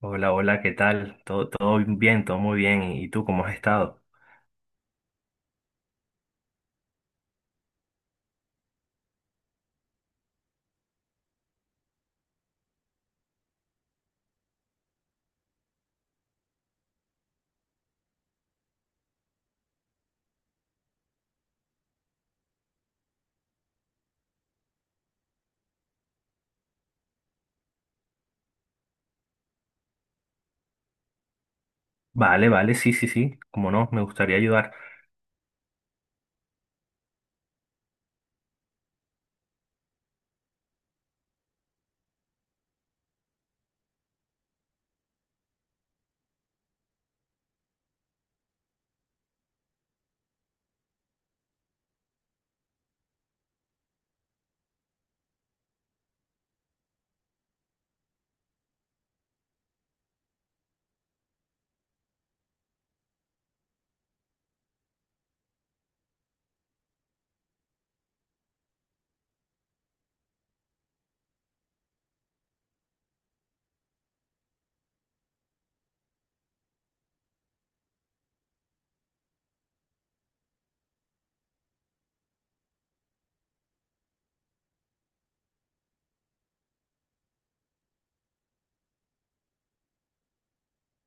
Hola, hola, ¿qué tal? Todo bien, todo muy bien. ¿Y tú cómo has estado? Vale, vale, sí, sí, sí, cómo no, me gustaría ayudar.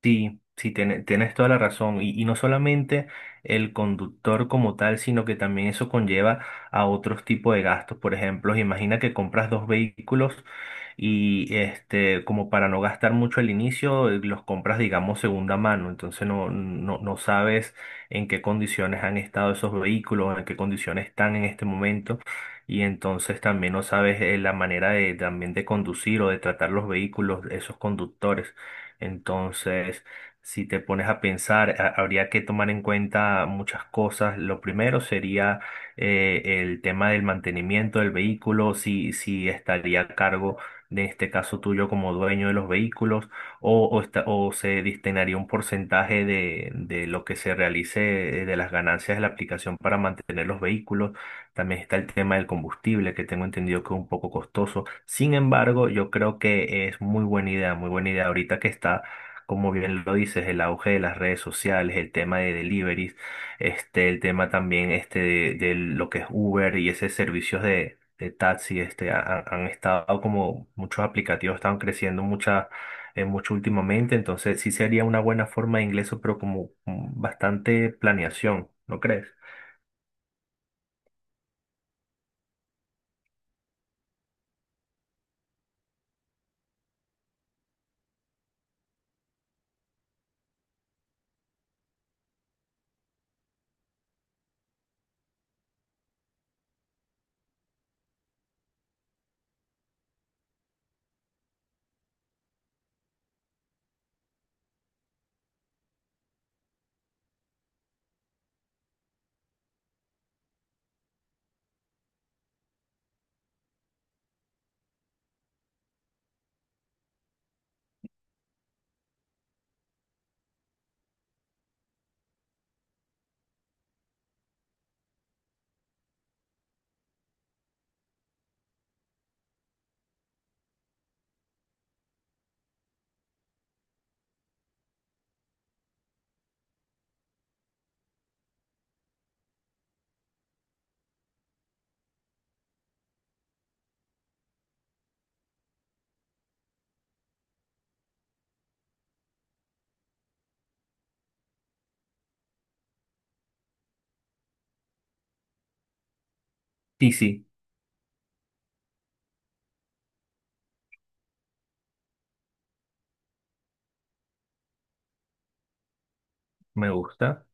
Sí, sí, tienes toda la razón. Y no solamente el conductor como tal, sino que también eso conlleva a otros tipos de gastos. Por ejemplo, imagina que compras dos vehículos y este, como para no gastar mucho al inicio, los compras, digamos, segunda mano. Entonces no sabes en qué condiciones han estado esos vehículos, en qué condiciones están en este momento. Y entonces también no sabes la manera de también de conducir o de tratar los vehículos, esos conductores. Entonces, si te pones a pensar, habría que tomar en cuenta muchas cosas. Lo primero sería el tema del mantenimiento del vehículo, si estaría a cargo de este caso tuyo como dueño de los vehículos o se destinaría un porcentaje de lo que se realice de las ganancias de la aplicación para mantener los vehículos. También está el tema del combustible, que tengo entendido que es un poco costoso. Sin embargo, yo creo que es muy buena idea, muy buena idea. Ahorita que está, como bien lo dices, el auge de las redes sociales, el tema de deliveries, este, el tema también este de lo que es Uber y ese servicios de taxi, este, han estado como muchos aplicativos están creciendo mucha, mucho últimamente. Entonces, sí sería una buena forma de ingreso, pero como bastante planeación, ¿no crees? Sí, sí, me gusta.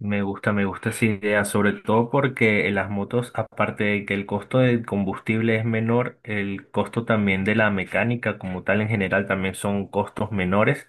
Me gusta, me gusta esa idea, sobre todo porque las motos, aparte de que el costo del combustible es menor, el costo también de la mecánica como tal en general también son costos menores.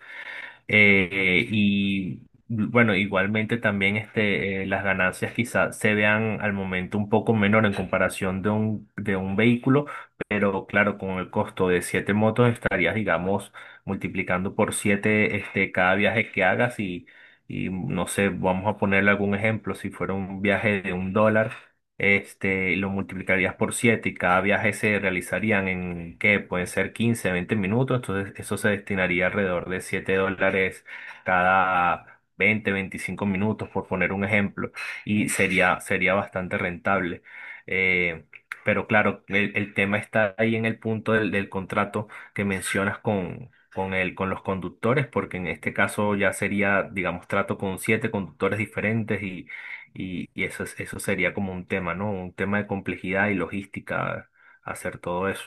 Y bueno, igualmente también este, las ganancias quizás se vean al momento un poco menor en comparación de un vehículo, pero claro, con el costo de siete motos estarías, digamos, multiplicando por siete este, cada viaje que hagas y no sé, vamos a ponerle algún ejemplo, si fuera un viaje de $1 este, lo multiplicarías por 7 y cada viaje se realizarían en, ¿qué? Pueden ser 15-20 minutos, entonces eso se destinaría alrededor de $7 cada 20-25 minutos, por poner un ejemplo, y sería bastante rentable. Eh, pero claro, el tema está ahí en el punto del contrato que mencionas con... Con los conductores, porque en este caso ya sería, digamos, trato con siete conductores diferentes y eso, eso sería como un tema, ¿no? Un tema de complejidad y logística, hacer todo eso.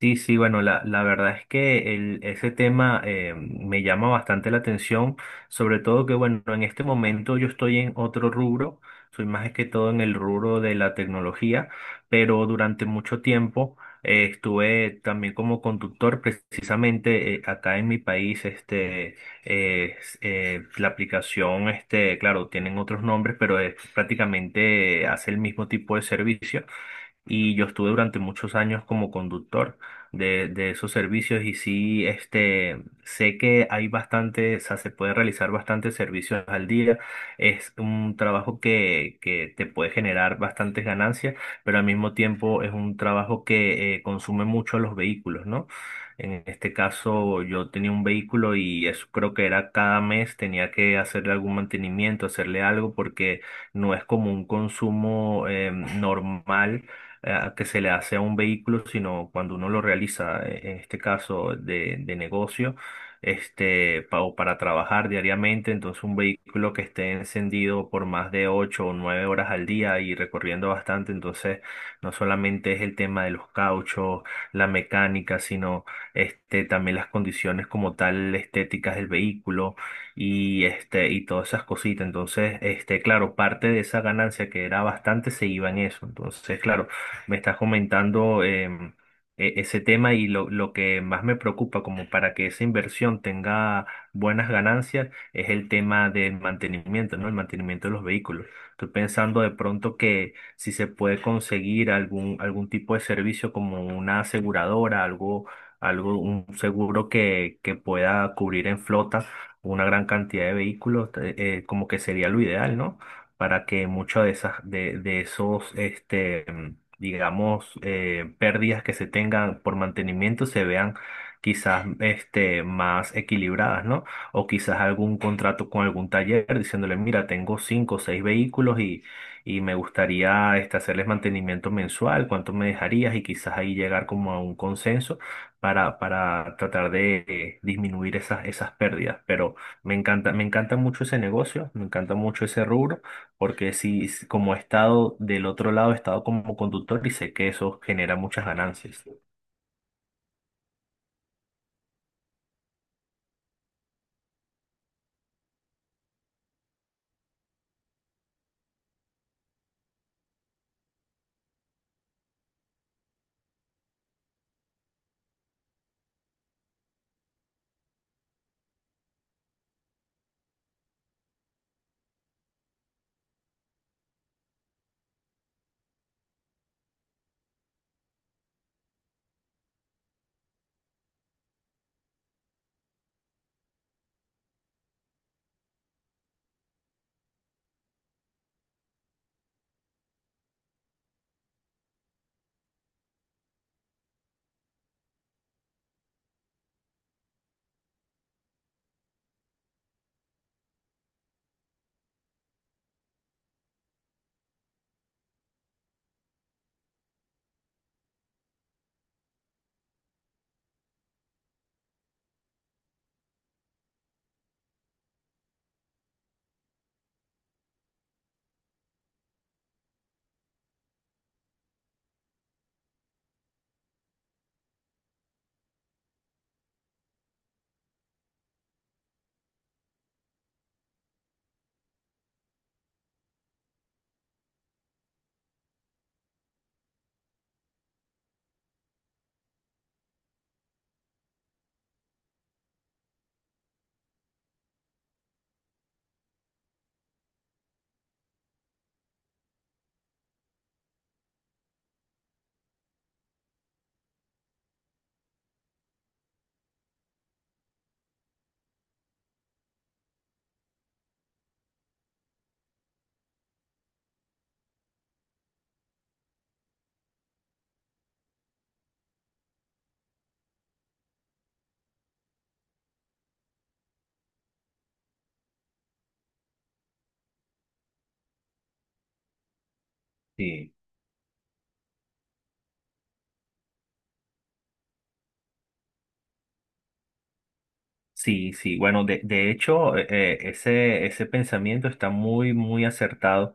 Sí, sí, bueno, la verdad es que ese tema me llama bastante la atención, sobre todo que, bueno, en este momento yo estoy en otro rubro, soy más que todo en el rubro de la tecnología, pero durante mucho tiempo estuve también como conductor, precisamente acá en mi país, este, la aplicación, este, claro, tienen otros nombres, pero es, prácticamente hace el mismo tipo de servicio y yo estuve durante muchos años como conductor de esos servicios y sí, este, sé que hay bastante, o sea, se puede realizar bastantes servicios al día. Es un trabajo que te puede generar bastantes ganancias, pero al mismo tiempo es un trabajo que consume mucho a los vehículos, ¿no? En este caso, yo tenía un vehículo y eso creo que era cada mes, tenía que hacerle algún mantenimiento, hacerle algo, porque no es como un consumo normal que se le hace a un vehículo, sino cuando uno lo realiza, en este caso de negocio, este, pa- o para trabajar diariamente. Entonces, un vehículo que esté encendido por más de 8 o 9 horas al día y recorriendo bastante, entonces no solamente es el tema de los cauchos, la mecánica, sino este, también las condiciones como tal estéticas del vehículo y este y todas esas cositas. Entonces, este, claro, parte de esa ganancia que era bastante se iba en eso. Entonces, claro, me estás comentando ese tema y lo que más me preocupa como para que esa inversión tenga buenas ganancias es el tema del mantenimiento, ¿no? El mantenimiento de los vehículos. Estoy pensando de pronto que si se puede conseguir algún tipo de servicio como una aseguradora, algo, un seguro que pueda cubrir en flota una gran cantidad de vehículos, como que sería lo ideal, ¿no? Para que muchos de esos este digamos, pérdidas que se tengan por mantenimiento se vean quizás este, más equilibradas, ¿no? O quizás algún contrato con algún taller diciéndole, mira, tengo 5 o 6 vehículos y me gustaría este, hacerles mantenimiento mensual, ¿cuánto me dejarías? Y quizás ahí llegar como a un consenso para tratar de disminuir esas pérdidas. Pero me encanta mucho ese negocio, me encanta mucho ese rubro porque si como he estado del otro lado, he estado como conductor y sé que eso genera muchas ganancias. Sí. Sí, sí, bueno, de hecho, ese pensamiento está muy, muy acertado,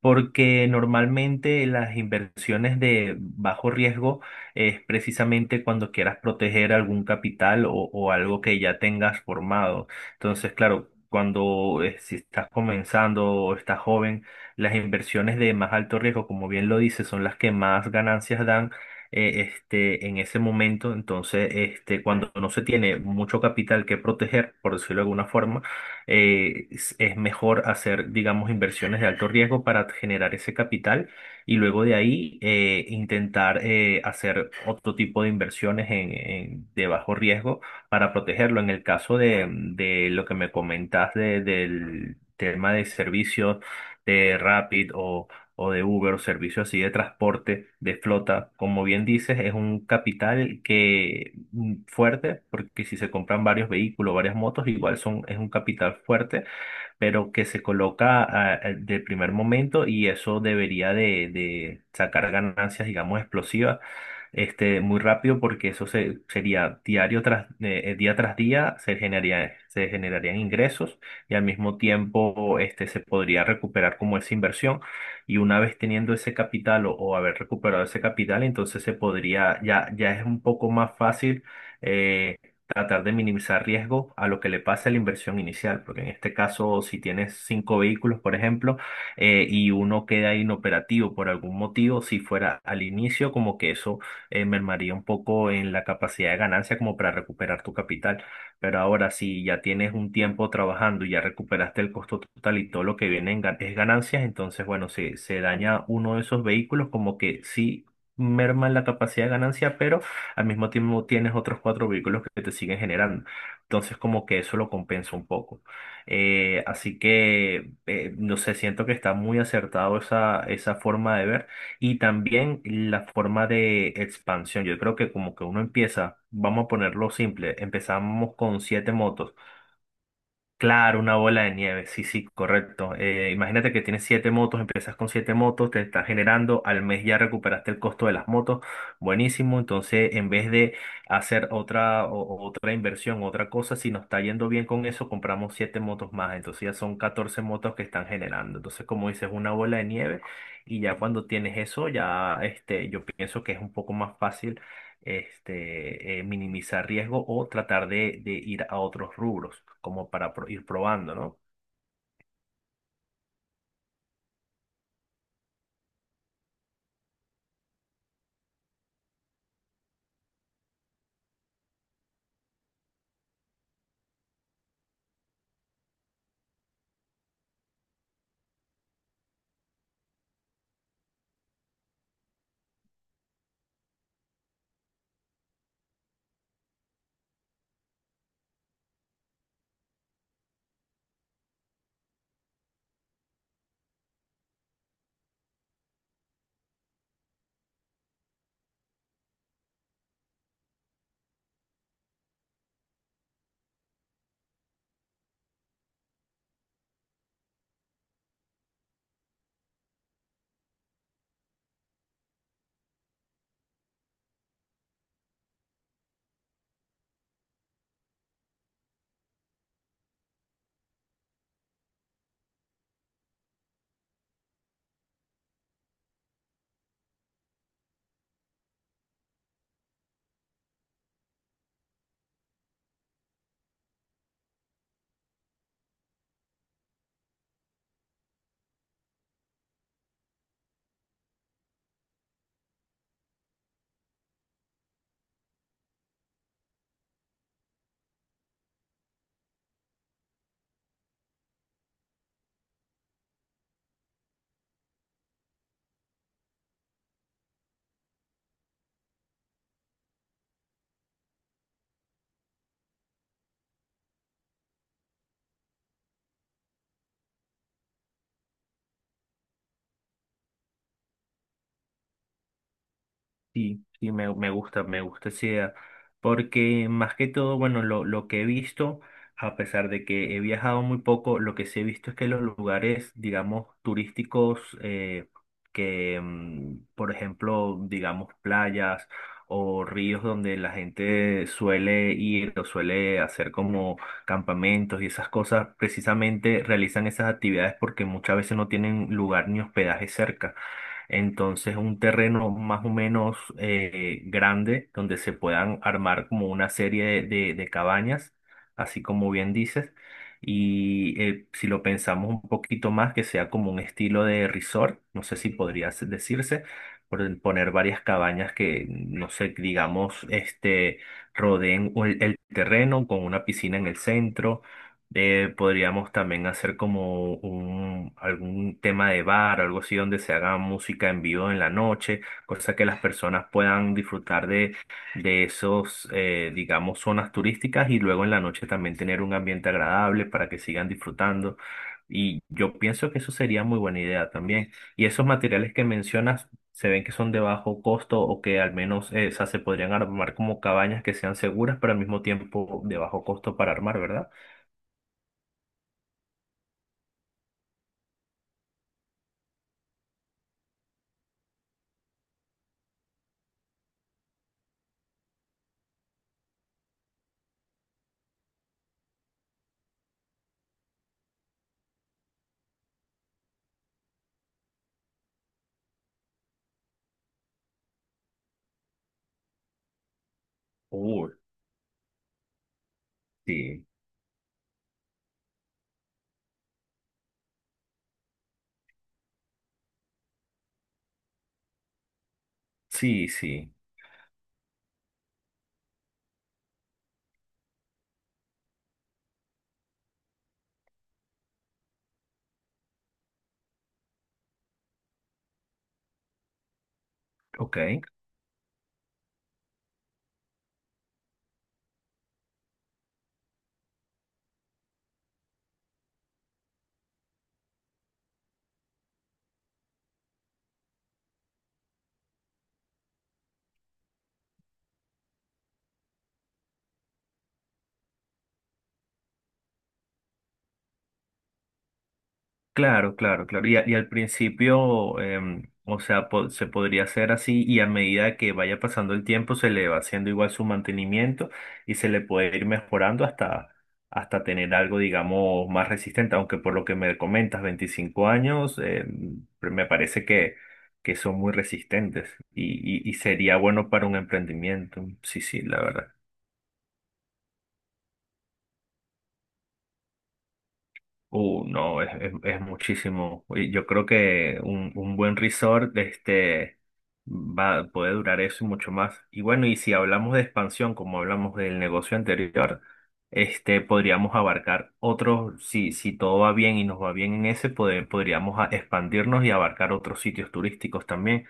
porque normalmente las inversiones de bajo riesgo es precisamente cuando quieras proteger algún capital o algo que ya tengas formado. Entonces, claro, cuando si estás comenzando o estás joven, las inversiones de más alto riesgo, como bien lo dices, son las que más ganancias dan este, en ese momento, entonces, este, cuando no se tiene mucho capital que proteger, por decirlo de alguna forma, es mejor hacer, digamos, inversiones de alto riesgo para generar ese capital y luego de ahí intentar hacer otro tipo de inversiones en, de bajo riesgo para protegerlo. En el caso de lo que me comentas del tema de servicios de Rapid o de Uber o servicios así de transporte, de flota, como bien dices, es un capital que fuerte, porque si se compran varios vehículos, varias motos, igual son, es un capital fuerte pero que se coloca de primer momento y eso debería de sacar ganancias, digamos, explosivas, este, muy rápido porque eso sería diario día tras día, se generarían ingresos y al mismo tiempo, este, se podría recuperar como esa inversión y una vez teniendo ese capital o haber recuperado ese capital, entonces se podría, ya, ya es un poco más fácil. eh, Tratar de minimizar riesgo a lo que le pase a la inversión inicial, porque en este caso, si tienes cinco vehículos, por ejemplo, y uno queda inoperativo por algún motivo, si fuera al inicio, como que eso mermaría un poco en la capacidad de ganancia como para recuperar tu capital. Pero ahora, si ya tienes un tiempo trabajando y ya recuperaste el costo total y todo lo que viene en es ganancias, entonces, bueno, si se daña uno de esos vehículos, como que sí merma la capacidad de ganancia, pero al mismo tiempo tienes otros cuatro vehículos que te siguen generando. Entonces, como que eso lo compensa un poco. Así que, no sé, siento que está muy acertado esa forma de ver y también la forma de expansión. Yo creo que como que uno empieza, vamos a ponerlo simple, empezamos con siete motos. Claro, una bola de nieve, sí, sí, correcto. Imagínate que tienes siete motos, empiezas con siete motos, te estás generando, al mes ya recuperaste el costo de las motos, buenísimo. Entonces, en vez de hacer otra, otra inversión, otra cosa, si nos está yendo bien con eso, compramos siete motos más. Entonces ya son 14 motos que están generando. Entonces, como dices, una bola de nieve, y ya cuando tienes eso, ya este, yo pienso que es un poco más fácil este, minimizar riesgo o tratar de ir a otros rubros, como para ir probando, ¿no? Sí, sí, me gusta, me gusta esa idea, porque más que todo, bueno, lo que he visto, a pesar de que he viajado muy poco, lo que sí he visto es que los lugares, digamos, turísticos, que, por ejemplo, digamos, playas o ríos donde la gente suele ir o suele hacer como campamentos y esas cosas, precisamente realizan esas actividades porque muchas veces no tienen lugar ni hospedaje cerca. Entonces, un terreno más o menos grande donde se puedan armar como una serie de cabañas, así como bien dices. Y si lo pensamos un poquito más, que sea como un estilo de resort, no sé si podría decirse, por el poner varias cabañas que, no sé, digamos, este, rodeen el terreno con una piscina en el centro podríamos también hacer como un, algún tema de bar, algo así donde se haga música en vivo en la noche, cosa que las personas puedan disfrutar de esos, digamos, zonas turísticas y luego en la noche también tener un ambiente agradable para que sigan disfrutando. Y yo pienso que eso sería muy buena idea también. Y esos materiales que mencionas, se ven que son de bajo costo o que al menos, o sea, se podrían armar como cabañas que sean seguras, pero al mismo tiempo de bajo costo para armar, ¿verdad? Uh, Sí, sí, sí, ok. Claro, claro, claro. Y al principio, o sea, se podría hacer así y a medida que vaya pasando el tiempo se le va haciendo igual su mantenimiento y se le puede ir mejorando hasta, tener algo, digamos, más resistente, aunque por lo que me comentas, 25 años, me parece que, son muy resistentes y sería bueno para un emprendimiento. Sí, sí, la verdad. No, es, es muchísimo. Y yo creo que un buen resort este, va, puede durar eso y mucho más. Y bueno, y si hablamos de expansión, como hablamos del negocio anterior, este, podríamos abarcar otros, si todo va bien y nos va bien en ese, poder podríamos expandirnos y abarcar otros sitios turísticos también.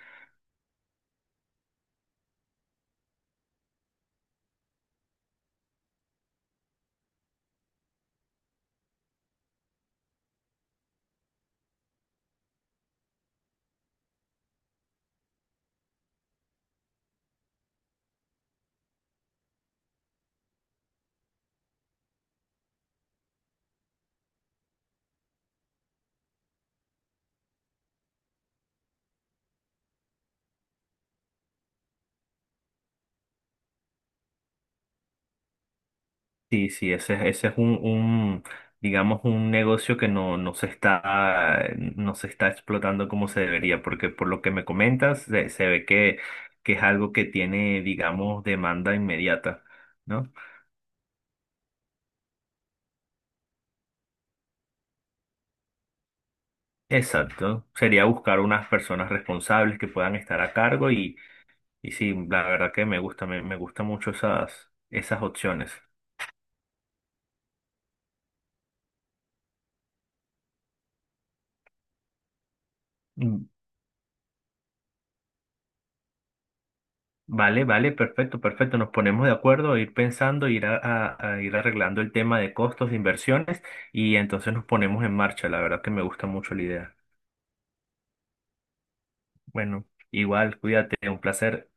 Sí, sí, ese es un, digamos, un negocio que no se está explotando como se debería, porque por lo que me comentas, se ve que es algo que tiene, digamos, demanda inmediata, ¿no? Exacto. Sería buscar unas personas responsables que puedan estar a cargo y sí, la verdad que me, gusta, me gusta mucho esas opciones. Vale, vale, perfecto, perfecto. Nos ponemos de acuerdo, ir pensando, a ir arreglando el tema de costos, de inversiones y entonces nos ponemos en marcha. La verdad que me gusta mucho la idea. Bueno, igual, cuídate, un placer.